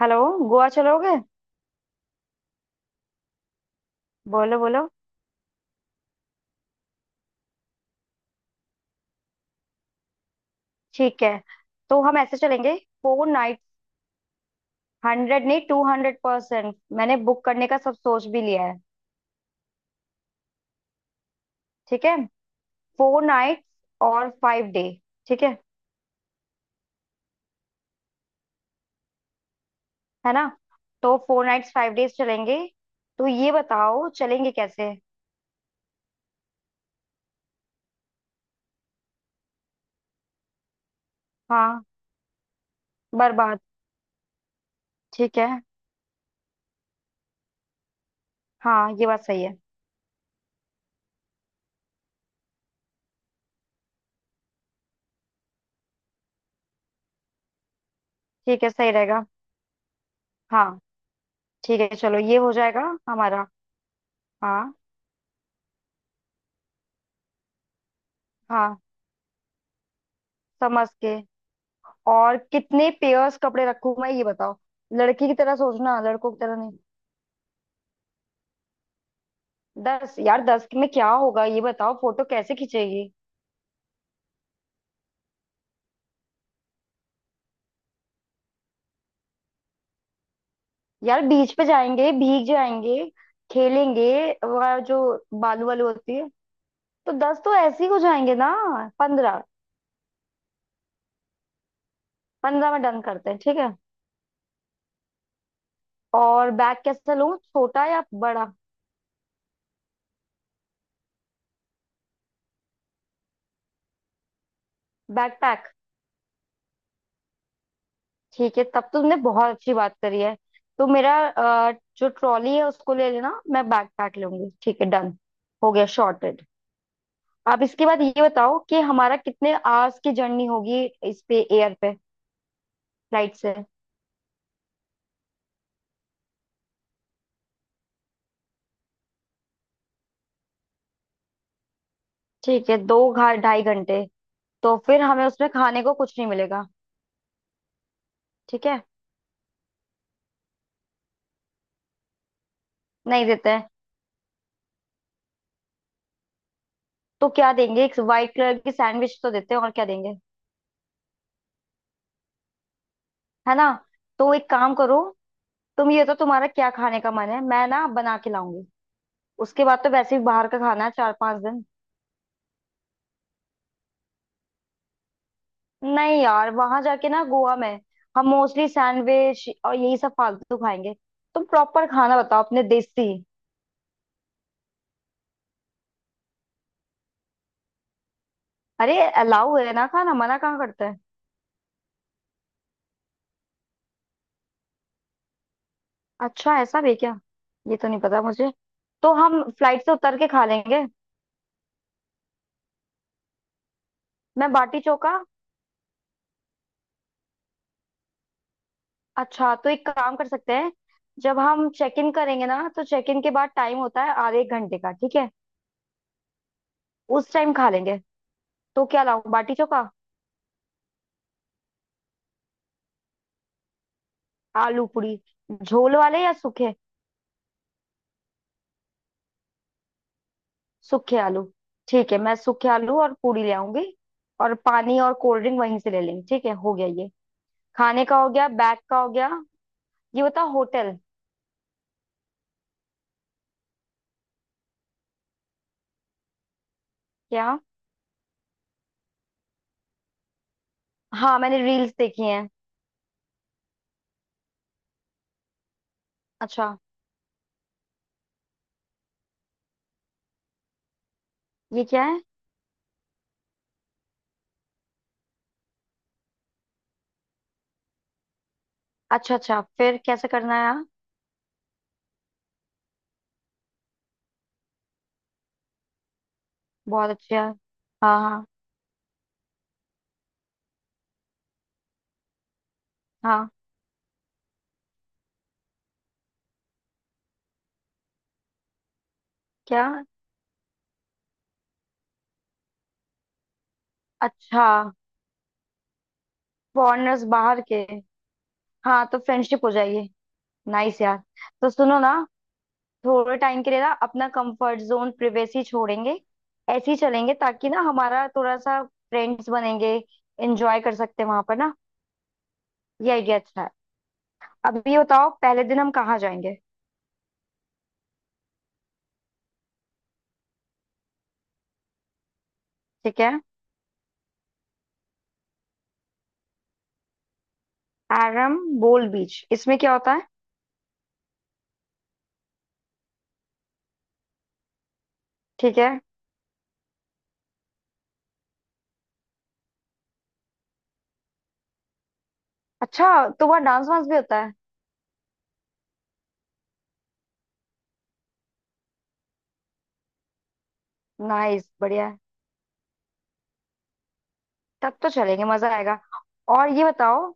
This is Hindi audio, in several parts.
हेलो। गोवा चलोगे? बोलो बोलो। ठीक है, तो हम ऐसे चलेंगे। 4 नाइट। हंड्रेड नहीं, 200%। मैंने बुक करने का सब सोच भी लिया है। ठीक है। 4 नाइट्स और 5 डे। ठीक है ना? तो 4 नाइट्स 5 डेज चलेंगे। तो ये बताओ, चलेंगे कैसे? हाँ। बर्बाद। ठीक है। हाँ, ये बात सही है। ठीक है, सही रहेगा। हाँ। ठीक है, चलो ये हो जाएगा। हमारा। हाँ। हाँ, समझ के। और कितने पेयर्स कपड़े रखूं मैं, ये बताओ। लड़की की तरह सोचना, लड़कों की तरह नहीं। 10? यार 10 में क्या होगा, ये बताओ। फोटो कैसे खींचेगी? यार, बीच पे जाएंगे, भीग जाएंगे, खेलेंगे। वह जो बालू वालू होती है, तो 10 तो ऐसे ही हो जाएंगे ना। 15। 15 में डन करते हैं, ठीक है। और बैग कैसा लूं, छोटा या बड़ा? बैकपैक। ठीक है, तब तुमने बहुत अच्छी बात करी है। तो मेरा जो ट्रॉली है उसको ले लेना, मैं बैकपैक लूंगी। ठीक है, डन। हो गया, शॉर्टेड। अब इसके बाद ये बताओ, कि हमारा कितने आवर्स की जर्नी होगी? इस पे, एयर पे, फ्लाइट से। ठीक है, दो घा 2.5 घंटे। तो फिर हमें उसमें खाने को कुछ नहीं मिलेगा? ठीक है। नहीं देते हैं? तो क्या देंगे? एक वाइट कलर की सैंडविच तो देते हैं, और क्या देंगे? है ना। तो एक काम करो, तुम ये तो, तुम्हारा क्या खाने का मन है, मैं ना बना के लाऊंगी। उसके बाद तो वैसे भी बाहर का खाना है 4-5 दिन। नहीं यार, वहां जाके ना गोवा में हम मोस्टली सैंडविच और यही सब फालतू खाएंगे। तुम प्रॉपर खाना बताओ, अपने देसी। अरे, अलाउ है ना खाना, मना कहाँ करता है? अच्छा, ऐसा भी है क्या? ये तो नहीं पता मुझे। तो हम फ्लाइट से उतर के खा लेंगे। मैं बाटी चोखा। अच्छा, तो एक काम कर सकते हैं। जब हम चेक इन करेंगे ना, तो चेक इन के बाद टाइम होता है आधे एक घंटे का, ठीक है। उस टाइम खा लेंगे। तो क्या लाऊं, बाटी चोखा? आलू पूरी। झोल वाले या सूखे? सूखे आलू। ठीक है, मैं सूखे आलू और पूरी ले आऊंगी। और पानी और कोल्ड ड्रिंक वहीं से ले लेंगे, ठीक है, हो गया ये। खाने का हो गया, बैग का हो गया। ये बताओ, होटल? क्या? हाँ, मैंने रील्स देखी हैं। अच्छा। ये क्या है? अच्छा अच्छा, फिर कैसे करना है यार? बहुत अच्छा है। हाँ हाँ। हाँ। क्या? अच्छा। फॉरेनर्स, बाहर के? हाँ, तो फ्रेंडशिप हो जाएगी। नाइस यार। तो सुनो ना, थोड़े टाइम के लिए ना अपना कंफर्ट जोन, प्रिवेसी छोड़ेंगे, ऐसे ही चलेंगे, ताकि ना हमारा थोड़ा सा फ्रेंड्स बनेंगे, एंजॉय कर सकते हैं वहां पर ना। ये आइडिया अच्छा है। अब ये बताओ, पहले दिन हम कहाँ जाएंगे? ठीक है। आरम बोल बीच, इसमें क्या होता है? ठीक है। अच्छा, तो वहाँ डांस वांस भी होता है? नाइस, बढ़िया है। तब तो चलेंगे, मजा आएगा। और ये बताओ,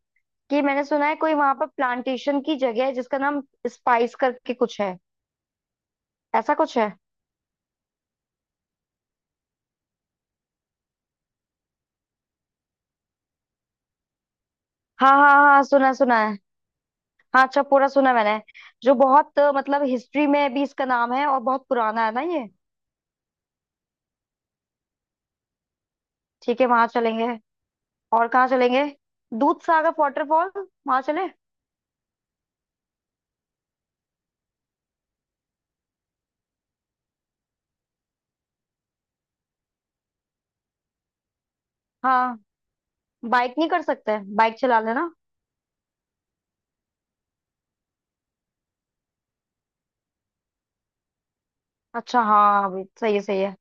कि मैंने सुना है कोई वहां पर प्लांटेशन की जगह है जिसका नाम स्पाइस करके कुछ है। ऐसा कुछ है? हाँ हाँ हाँ, सुना सुना है। हाँ, अच्छा, पूरा सुना मैंने। जो बहुत मतलब हिस्ट्री में भी इसका नाम है, और बहुत पुराना है ना ये। ठीक है, वहां चलेंगे। और कहाँ चलेंगे? दूध सागर वाटरफॉल, वहां चले? हाँ। बाइक नहीं कर सकते? बाइक चला लेना। अच्छा, हाँ, अभी सही है, सही है।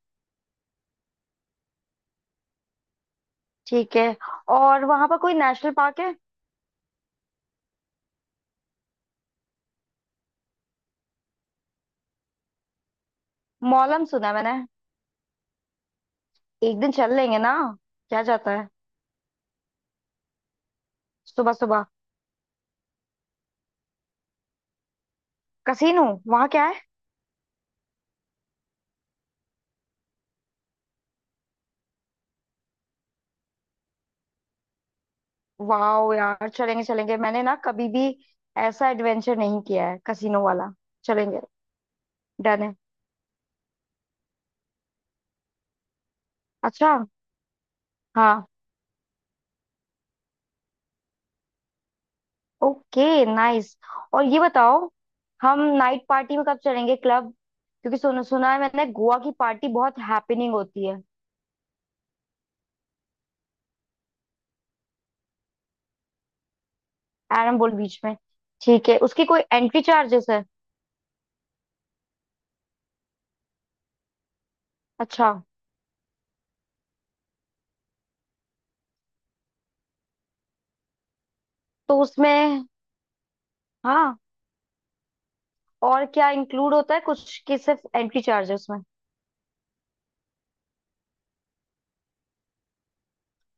ठीक है। और वहां पर कोई नेशनल पार्क है? मौलम सुना है मैंने। एक दिन चल लेंगे ना। क्या जाता है सुबह सुबह? कसीनो? वहां क्या है? वाह यार, चलेंगे चलेंगे। मैंने ना कभी भी ऐसा एडवेंचर नहीं किया है, कसीनो वाला। चलेंगे। डन है। अच्छा। हाँ। ओके। नाइस। और ये बताओ, हम नाइट पार्टी में कब चलेंगे, क्लब? क्योंकि सुना सुना है मैंने, गोवा की पार्टी बहुत हैपनिंग होती है। एरम्बोल बीच में? ठीक है। उसकी कोई एंट्री चार्जेस है? अच्छा। तो उसमें, हाँ, और क्या इंक्लूड होता है कुछ, कि सिर्फ एंट्री चार्ज है उसमें?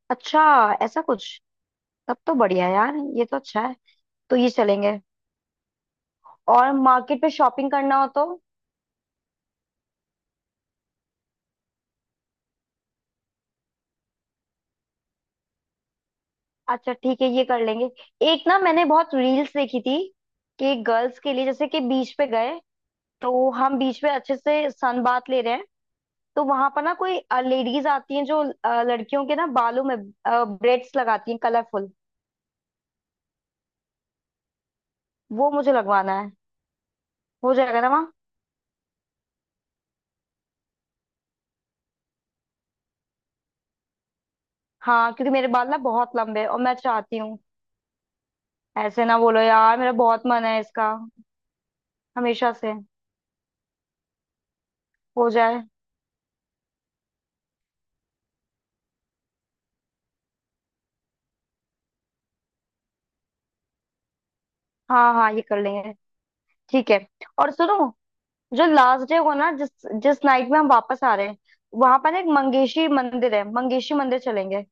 अच्छा। ऐसा कुछ। तब तो बढ़िया है यार, ये तो अच्छा है। तो ये चलेंगे। और मार्केट में शॉपिंग करना हो तो? अच्छा, ठीक है, ये कर लेंगे। एक ना मैंने बहुत रील्स देखी थी, कि गर्ल्स के लिए, जैसे कि बीच पे गए तो हम बीच पे अच्छे से सन बात ले रहे हैं, तो वहां पर ना कोई लेडीज आती हैं, जो लड़कियों के ना बालों में ब्रेड्स लगाती हैं कलरफुल। वो मुझे लगवाना है। हो जाएगा ना वहाँ? हाँ, क्योंकि मेरे बाल ना बहुत लंबे हैं, और मैं चाहती हूँ। ऐसे ना बोलो यार, मेरा बहुत मन है इसका, हमेशा से। हो जाए। हाँ हाँ, ये कर लेंगे। ठीक है। और सुनो, जो लास्ट डे को ना, जिस जिस नाइट में हम वापस आ रहे हैं, वहां पर ना एक मंगेशी मंदिर है, मंगेशी मंदिर चलेंगे।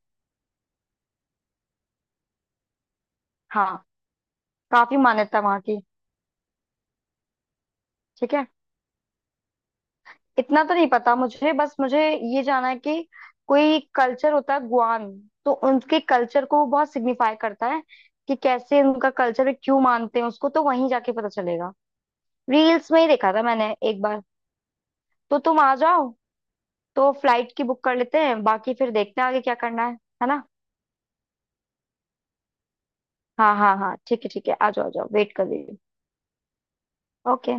हाँ, काफी मान्यता वहां की। ठीक है। इतना तो नहीं पता मुझे, बस मुझे ये जाना है कि कोई कल्चर होता है गुआन, तो उनके कल्चर को वो बहुत सिग्निफाई करता है, कि कैसे उनका कल्चर, क्यों मानते हैं उसको, तो वहीं जाके पता चलेगा। रील्स में ही देखा था मैंने एक बार। तो तुम आ जाओ। तो फ्लाइट की बुक कर लेते हैं, बाकी फिर देखते हैं आगे क्या करना है ना। हाँ हाँ हाँ, ठीक है ठीक है, आ जाओ आ जाओ, वेट कर रही हूँ। ओके।